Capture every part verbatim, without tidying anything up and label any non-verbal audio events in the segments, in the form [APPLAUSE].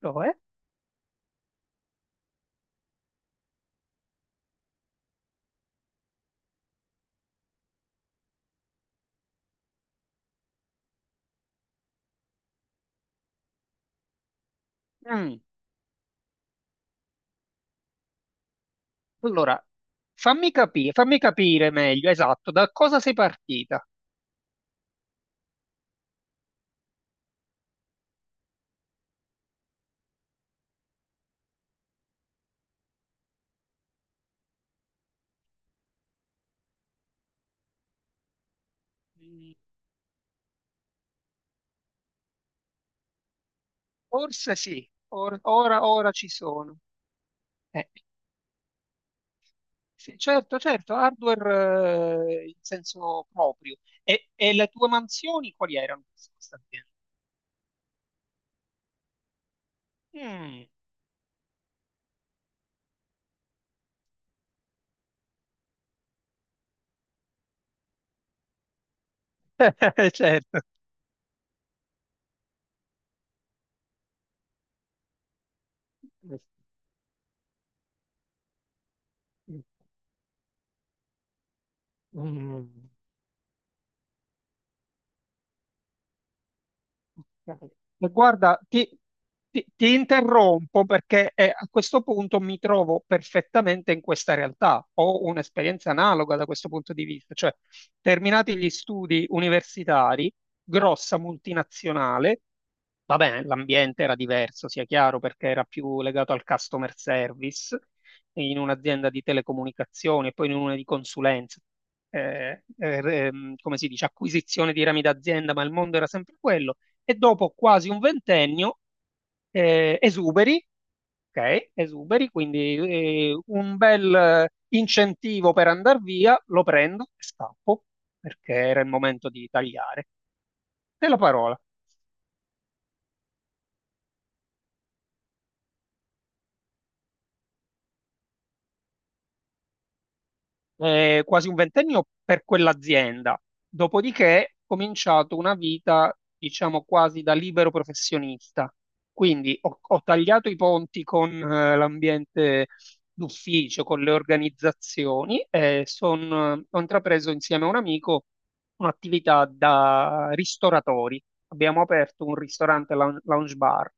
Lo è? Mm. Allora, fammi capire, fammi capire meglio, esatto, da cosa sei partita? Mm. Forse sì, or- ora, ora ci sono. Eh, sì, certo, certo, hardware, eh, in senso proprio. E, e le tue mansioni quali erano? Su Questa azienda? Mm. [LAUGHS] Certo. Mm. Ok. E guarda, ti, ti- ti interrompo perché eh, a questo punto mi trovo perfettamente in questa realtà. Ho un'esperienza analoga da questo punto di vista, cioè terminati gli studi universitari, grossa multinazionale. Va bene, l'ambiente era diverso, sia chiaro, perché era più legato al customer service in un'azienda di telecomunicazioni e poi in una di consulenza. Eh, eh, re- ehm, come si dice, acquisizione di rami d'azienda, ma il mondo era sempre quello. E dopo quasi un ventennio, eh, esuberi, ok, esuberi, quindi eh, un bel eh, incentivo per andare via, lo prendo e scappo, perché era il momento di tagliare. Te la parola. Eh, quasi un ventennio per quell'azienda. Dopodiché ho cominciato una vita, diciamo, quasi da libero professionista. Quindi ho, ho tagliato i ponti con eh, l'ambiente d'ufficio, con le organizzazioni e son- ho intrapreso insieme a un amico un'attività da ristoratori. Abbiamo aperto un ristorante lou- lounge bar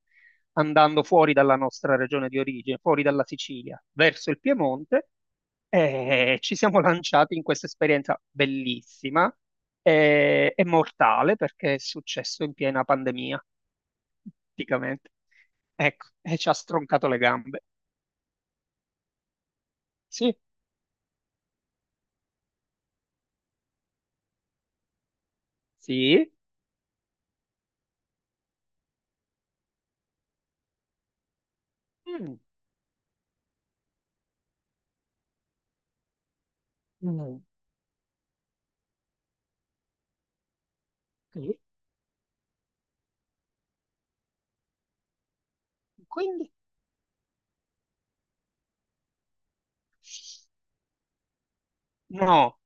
andando fuori dalla nostra regione di origine, fuori dalla Sicilia, verso il Piemonte e ci siamo lanciati in questa esperienza bellissima e, e mortale perché è successo in piena pandemia, praticamente. Ecco, e ci ha stroncato le gambe. Sì, sì. Mm, mm, sì. Quindi, no,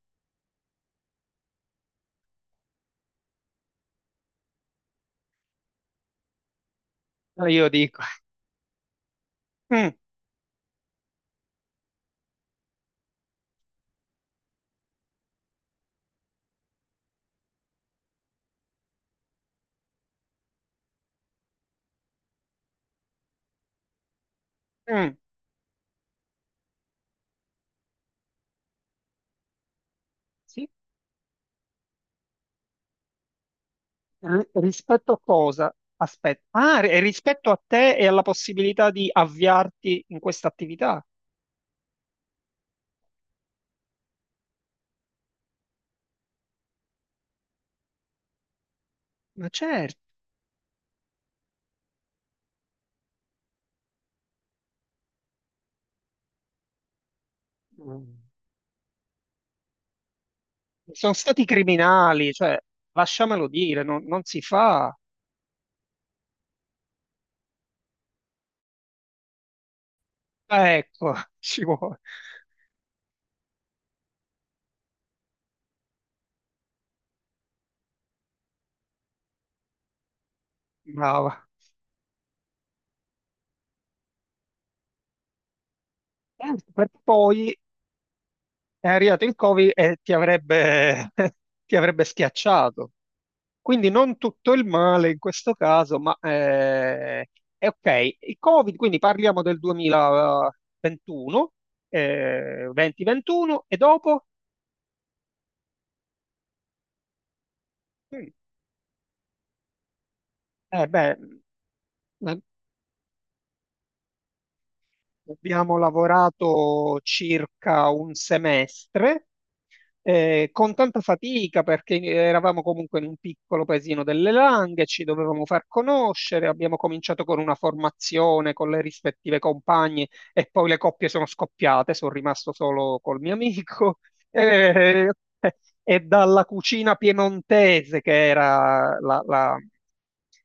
allora io dico, mm, mm, sì. R- rispetto a cosa? Aspetta, ah, ri- rispetto a te e alla possibilità di avviarti in questa attività? Ma certo. Sono stati criminali, cioè, lasciamelo dire, non, non si fa. Eh, Ecco, [LAUGHS] ci vuole. Brava. Eh, Per poi è arrivato il Covid e ti avrebbe, [LAUGHS] ti avrebbe schiacciato. Quindi non tutto il male in questo caso, ma eh, è ok. Il Covid, quindi parliamo del duemilaventuno, eh, duemilaventuno e dopo? Mm. Eh beh, abbiamo lavorato circa un semestre, eh, con tanta fatica perché eravamo comunque in un piccolo paesino delle Langhe, ci dovevamo far conoscere, abbiamo cominciato con una formazione con le rispettive compagne e poi le coppie sono scoppiate, sono rimasto solo col mio amico. [LAUGHS] Eh, e dalla cucina piemontese, che era la, la-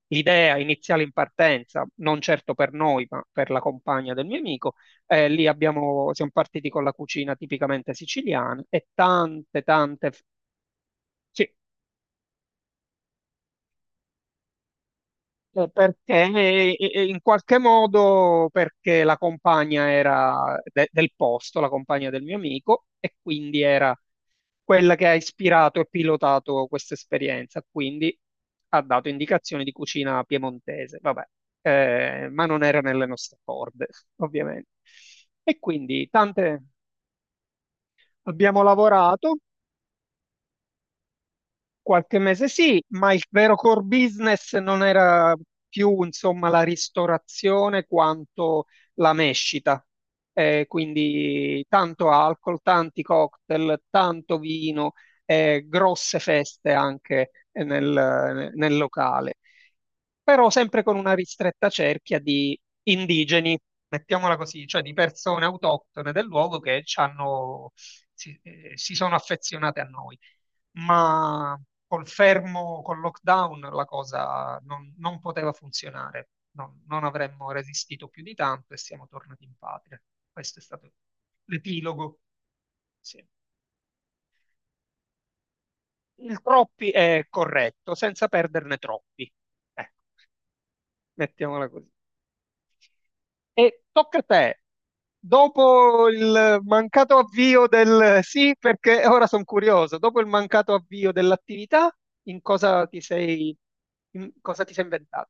idea iniziale in partenza, non certo per noi, ma per la compagna del mio amico. Eh, lì abbiamo, siamo partiti con la cucina tipicamente siciliana e tante, tante, sì. Eh, Perché eh, eh, eh, in qualche modo perché la compagna era de- del posto, la compagna del mio amico, e quindi era quella che ha ispirato e pilotato questa esperienza. Quindi ha dato indicazioni di cucina piemontese, vabbè, eh, ma non era nelle nostre corde, [LAUGHS] ovviamente. E quindi tante abbiamo lavorato, qualche mese sì, ma il vero core business non era più, insomma, la ristorazione quanto la mescita. Eh, quindi tanto alcol, tanti cocktail, tanto vino, eh, grosse feste anche eh, nel, nel locale, però sempre con una ristretta cerchia di indigeni, mettiamola così, cioè di persone autoctone del luogo che ci hanno- si eh, si sono affezionate a noi ma col fermo, col lockdown, la cosa non, non poteva funzionare. Non, non avremmo resistito più di tanto e siamo tornati in patria. Questo è stato l'epilogo. Sì. Il troppi è corretto, senza perderne troppi. Ecco, mettiamola così. E tocca a te. Dopo il mancato avvio del sì, perché ora sono curioso, dopo il mancato avvio dell'attività, in cosa ti sei, in cosa ti sei inventato?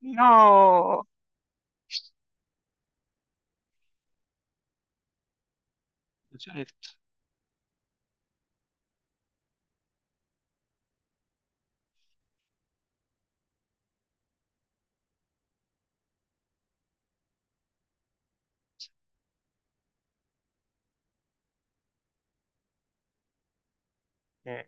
No, certo. Eh,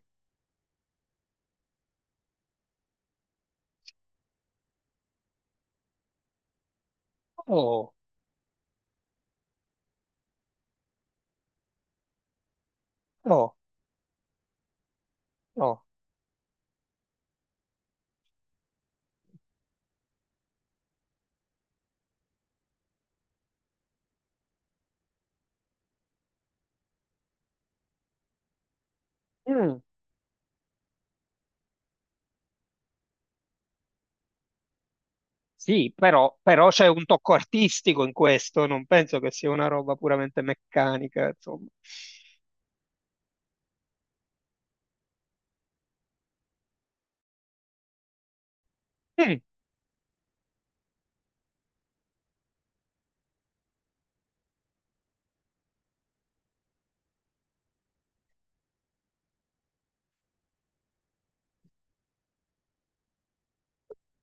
oh, no, no. Mm. Sì, però, però c'è un tocco artistico in questo, non penso che sia una roba puramente meccanica, insomma. Mm,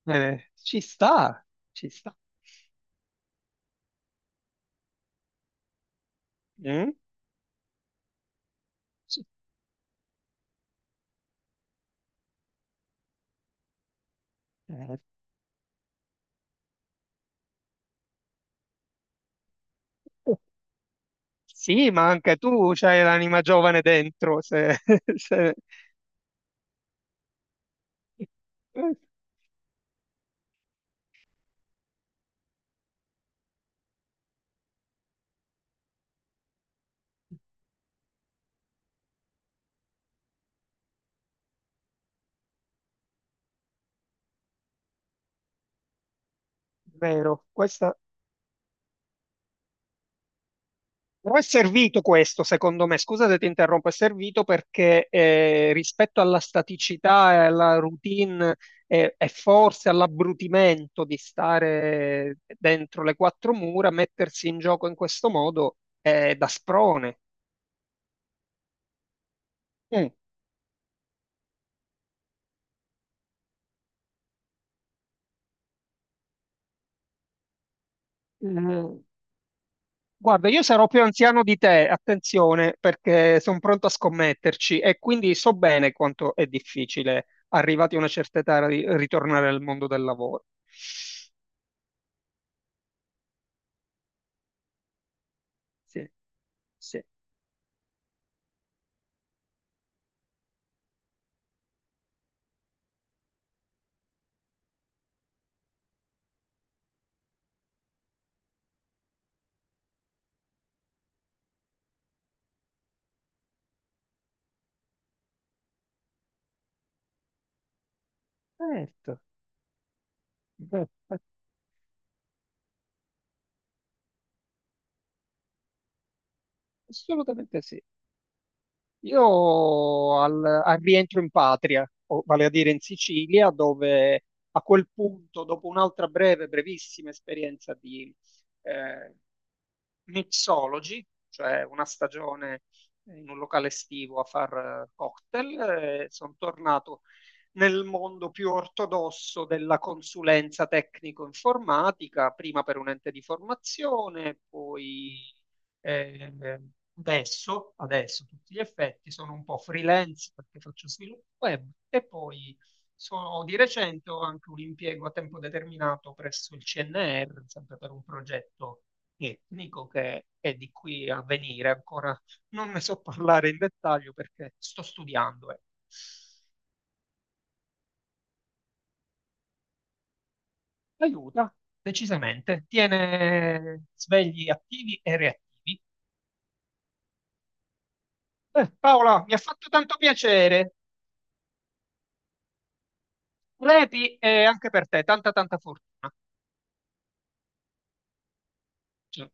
eh, ci sta, ci sta. Mm, ci- eh, sì, ma anche tu c'hai l'anima giovane dentro, se, [LAUGHS] se- eh, vero, questa, però è servito questo, secondo me, scusa se ti interrompo, è servito perché eh, rispetto alla staticità e alla routine eh, e forse all'abbrutimento di stare dentro le quattro mura, mettersi in gioco in questo modo è da sprone. Mm. Mm. Guarda, io sarò più anziano di te, attenzione, perché sono pronto a scommetterci e quindi so bene quanto è difficile, arrivati a una certa età, ri- ritornare al mondo del lavoro. Sì, sì. Certo, beh, assolutamente sì. Io al, al rientro in patria, o vale a dire in Sicilia, dove a quel punto, dopo un'altra breve, brevissima esperienza di, eh, mixology, cioè una stagione in un locale estivo a far eh, cocktail. Eh, sono tornato nel mondo più ortodosso della consulenza tecnico-informatica, prima per un ente di formazione, poi eh, adesso, adesso a tutti gli effetti, sono un po' freelance perché faccio sviluppo web e poi sono- di recente ho anche un impiego a tempo determinato presso il C N R, sempre per un progetto etnico che è di qui a venire, ancora non ne so parlare in dettaglio perché sto studiando. eh. Aiuta, decisamente, tiene svegli attivi e reattivi. Eh, Paola, mi ha fatto tanto piacere. Repi e anche per te, tanta tanta fortuna. Ciao.